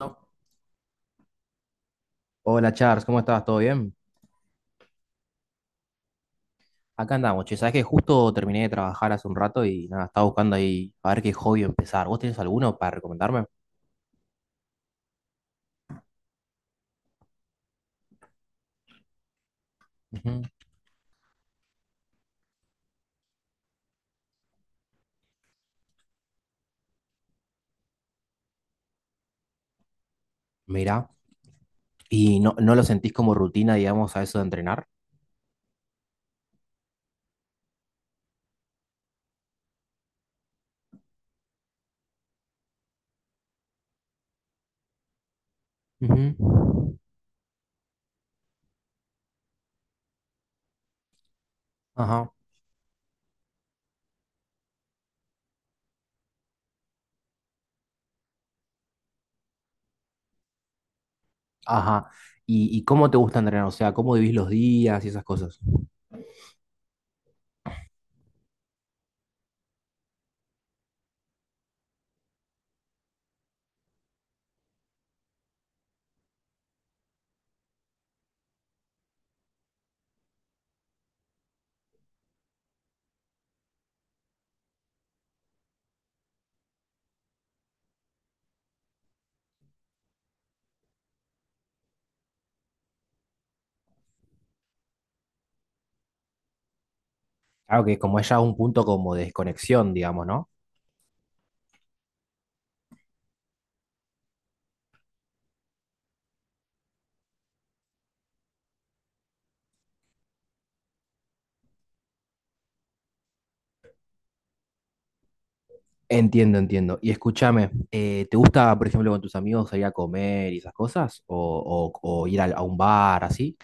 No. Hola Charles, ¿cómo estás? ¿Todo bien? Acá andamos, che, sabes que justo terminé de trabajar hace un rato y nada, estaba buscando ahí a ver qué hobby empezar. ¿Vos tenés alguno para recomendarme? Ujú. Mirá, ¿y no lo sentís como rutina, digamos, a eso de entrenar? Ujú. Ajá, ajá. Y cómo te gusta entrenar? O sea, ¿cómo vivís los días y esas cosas? Claro que como es ya un punto como de desconexión, digamos, ¿no? Entiendo, entiendo. Y escúchame, ¿te gusta, por ejemplo, con tus amigos salir a comer y esas cosas? ¿O, o ir a un bar así?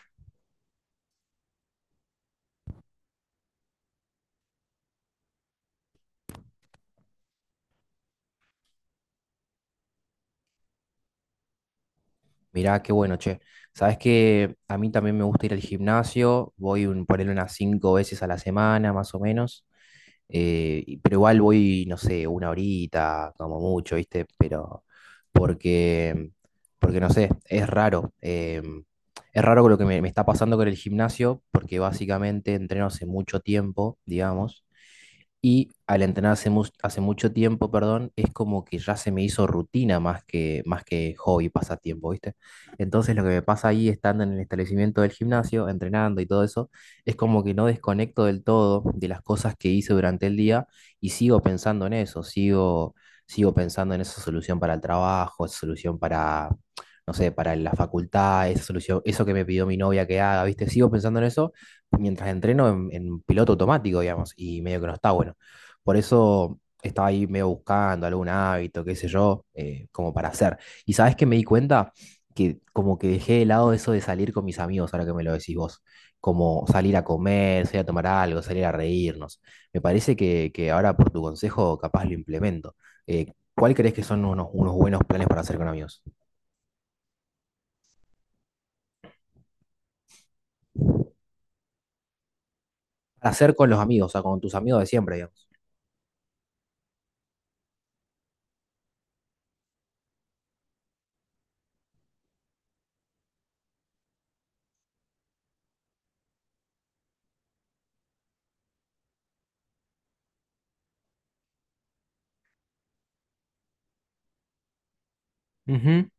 Mirá, qué bueno, che. Sabes que a mí también me gusta ir al gimnasio, voy un, ponerle unas 5 veces a la semana, más o menos. Pero igual voy, no sé, una horita, como mucho, ¿viste? Pero porque, porque no sé, es raro. Es raro con lo que me está pasando con el gimnasio, porque básicamente entreno hace mucho tiempo, digamos. Y al entrenar hace, hace mucho tiempo, perdón, es como que ya se me hizo rutina más que hobby, pasatiempo, ¿viste? Entonces lo que me pasa ahí estando en el establecimiento del gimnasio, entrenando y todo eso, es como que no desconecto del todo de las cosas que hice durante el día y sigo pensando en eso, sigo, sigo pensando en esa solución para el trabajo, esa solución para, no sé, para la facultad, esa solución, eso que me pidió mi novia que haga, ¿viste? Sigo pensando en eso mientras entreno en piloto automático, digamos, y medio que no está bueno. Por eso estaba ahí medio buscando algún hábito, qué sé yo, como para hacer. ¿Y sabes qué me di cuenta? Que como que dejé de lado eso de salir con mis amigos, ahora que me lo decís vos, como salir a comer, salir a tomar algo, salir a reírnos. Me parece que ahora por tu consejo capaz lo implemento. ¿Cuál crees que son unos, unos buenos planes para hacer con amigos? Para hacer con los amigos, o sea, con tus amigos de siempre, digamos. Ujú.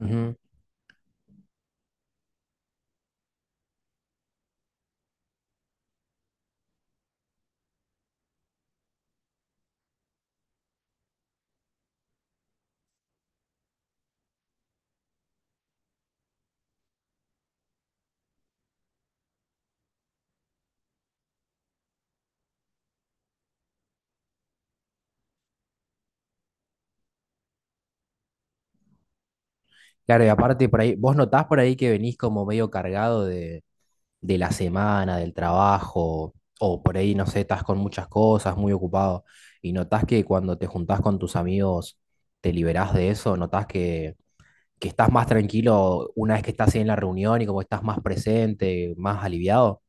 Ujú. Claro, y aparte por ahí, ¿vos notás por ahí que venís como medio cargado de la semana, del trabajo, o por ahí, no sé, estás con muchas cosas, muy ocupado, y notás que cuando te juntás con tus amigos, te liberás de eso, notás que estás más tranquilo una vez que estás ahí en la reunión y como estás más presente, más aliviado.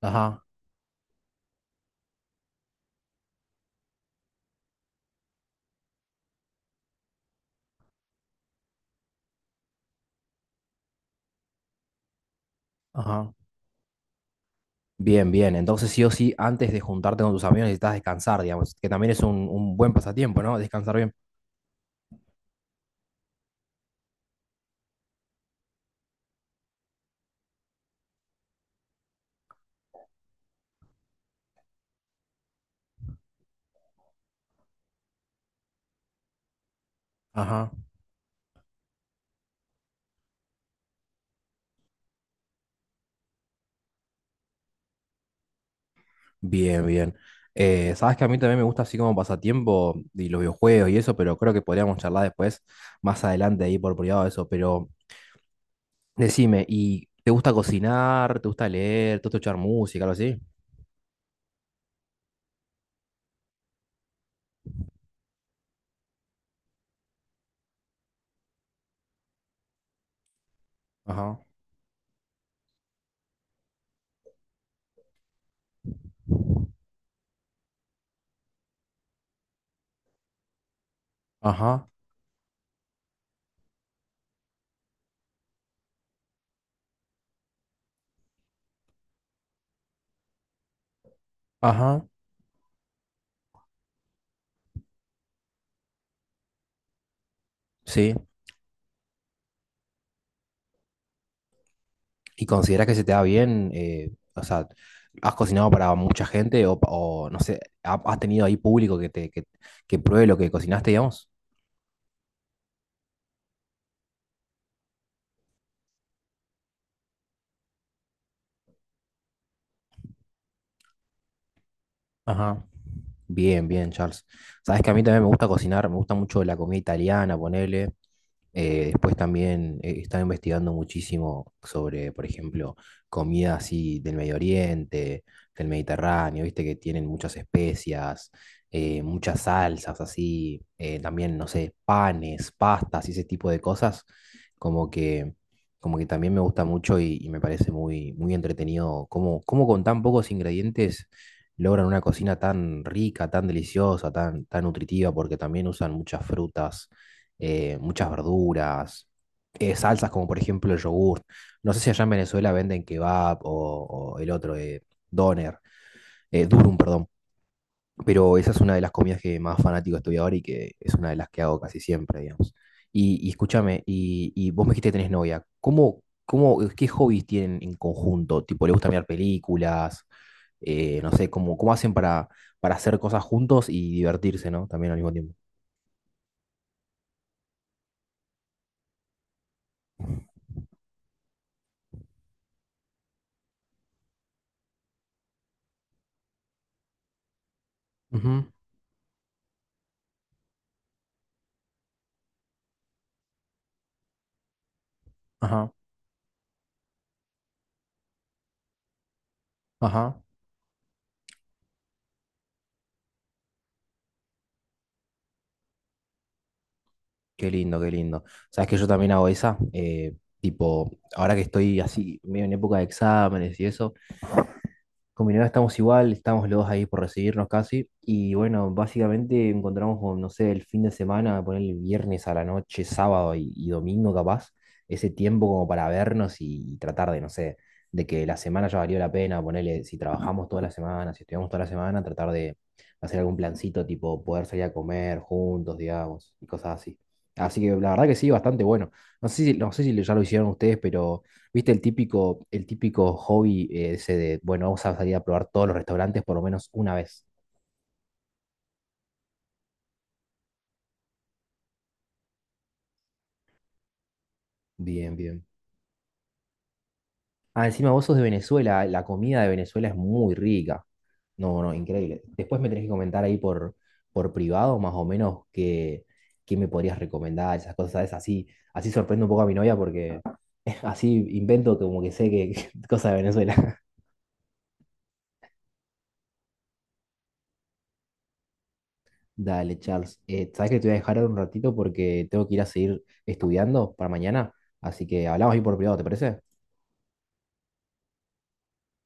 Ajá, ajá. Bien, bien. Entonces, sí o sí, antes de juntarte con tus amigos necesitas descansar, digamos, que también es un buen pasatiempo, ¿no? Descansar bien. Ajá. Bien, bien. Sabes que a mí también me gusta así como pasatiempo y los videojuegos y eso, pero creo que podríamos charlar después, más adelante ahí por privado de eso. Pero decime, ¿y te gusta cocinar? ¿Te gusta leer? ¿Te gusta escuchar música, algo así? Ajá, ajá, ajá. Sí. ¿Y consideras que se te da bien? O sea, ¿has cocinado para mucha gente o, o no sé, has tenido ahí público que te que pruebe lo que cocinaste, digamos? Ajá. Bien, bien, Charles. Sabes que a mí también me gusta cocinar, me gusta mucho la comida italiana, ponele. Después también he estado investigando muchísimo sobre, por ejemplo, comida así del Medio Oriente, del Mediterráneo, viste que tienen muchas especias, muchas salsas así, también, no sé, panes, pastas y ese tipo de cosas, como que, como que también me gusta mucho y me parece muy, muy entretenido cómo, cómo con tan pocos ingredientes logran una cocina tan rica, tan deliciosa, tan, tan nutritiva, porque también usan muchas frutas, muchas verduras, salsas como por ejemplo el yogur. No sé si allá en Venezuela venden kebab o el otro, doner, durum, perdón. Pero esa es una de las comidas que más fanático estoy ahora y que es una de las que hago casi siempre, digamos. Y escúchame, y vos me dijiste que tenés novia. ¿Cómo, cómo, qué hobbies tienen en conjunto? Tipo, ¿le gusta mirar películas? No sé, cómo, cómo hacen para hacer cosas juntos y divertirse, ¿no? También al mismo tiempo. Ujú, ajá, ajá. Qué lindo, qué lindo. Sabes que yo también hago esa, tipo, ahora que estoy así, medio en época de exámenes y eso. Con mi novia estamos igual, estamos los dos ahí por recibirnos casi. Y bueno, básicamente encontramos, con, no sé, el fin de semana, poner el viernes a la noche, sábado y domingo capaz, ese tiempo como para vernos y tratar de, no sé, de que la semana ya valió la pena, ponerle, si trabajamos toda la semana, si estudiamos toda la semana, tratar de hacer algún plancito, tipo poder salir a comer juntos, digamos, y cosas así. Así que la verdad que sí, bastante bueno. No sé si, no sé si ya lo hicieron ustedes, pero... ¿Viste el típico hobby ese de, bueno, vamos a salir a probar todos los restaurantes por lo menos una vez? Bien, bien. Ah, encima vos sos de Venezuela, la comida de Venezuela es muy rica. No, no, increíble. Después me tenés que comentar ahí por privado, más o menos, qué, qué me podrías recomendar, esas cosas, ¿sabes? Así, así sorprendo un poco a mi novia porque así invento como que sé que, cosa de Venezuela. Dale, Charles. Sabes que te voy a dejar ahora un ratito porque tengo que ir a seguir estudiando para mañana. Así que hablamos ahí por privado, ¿te parece?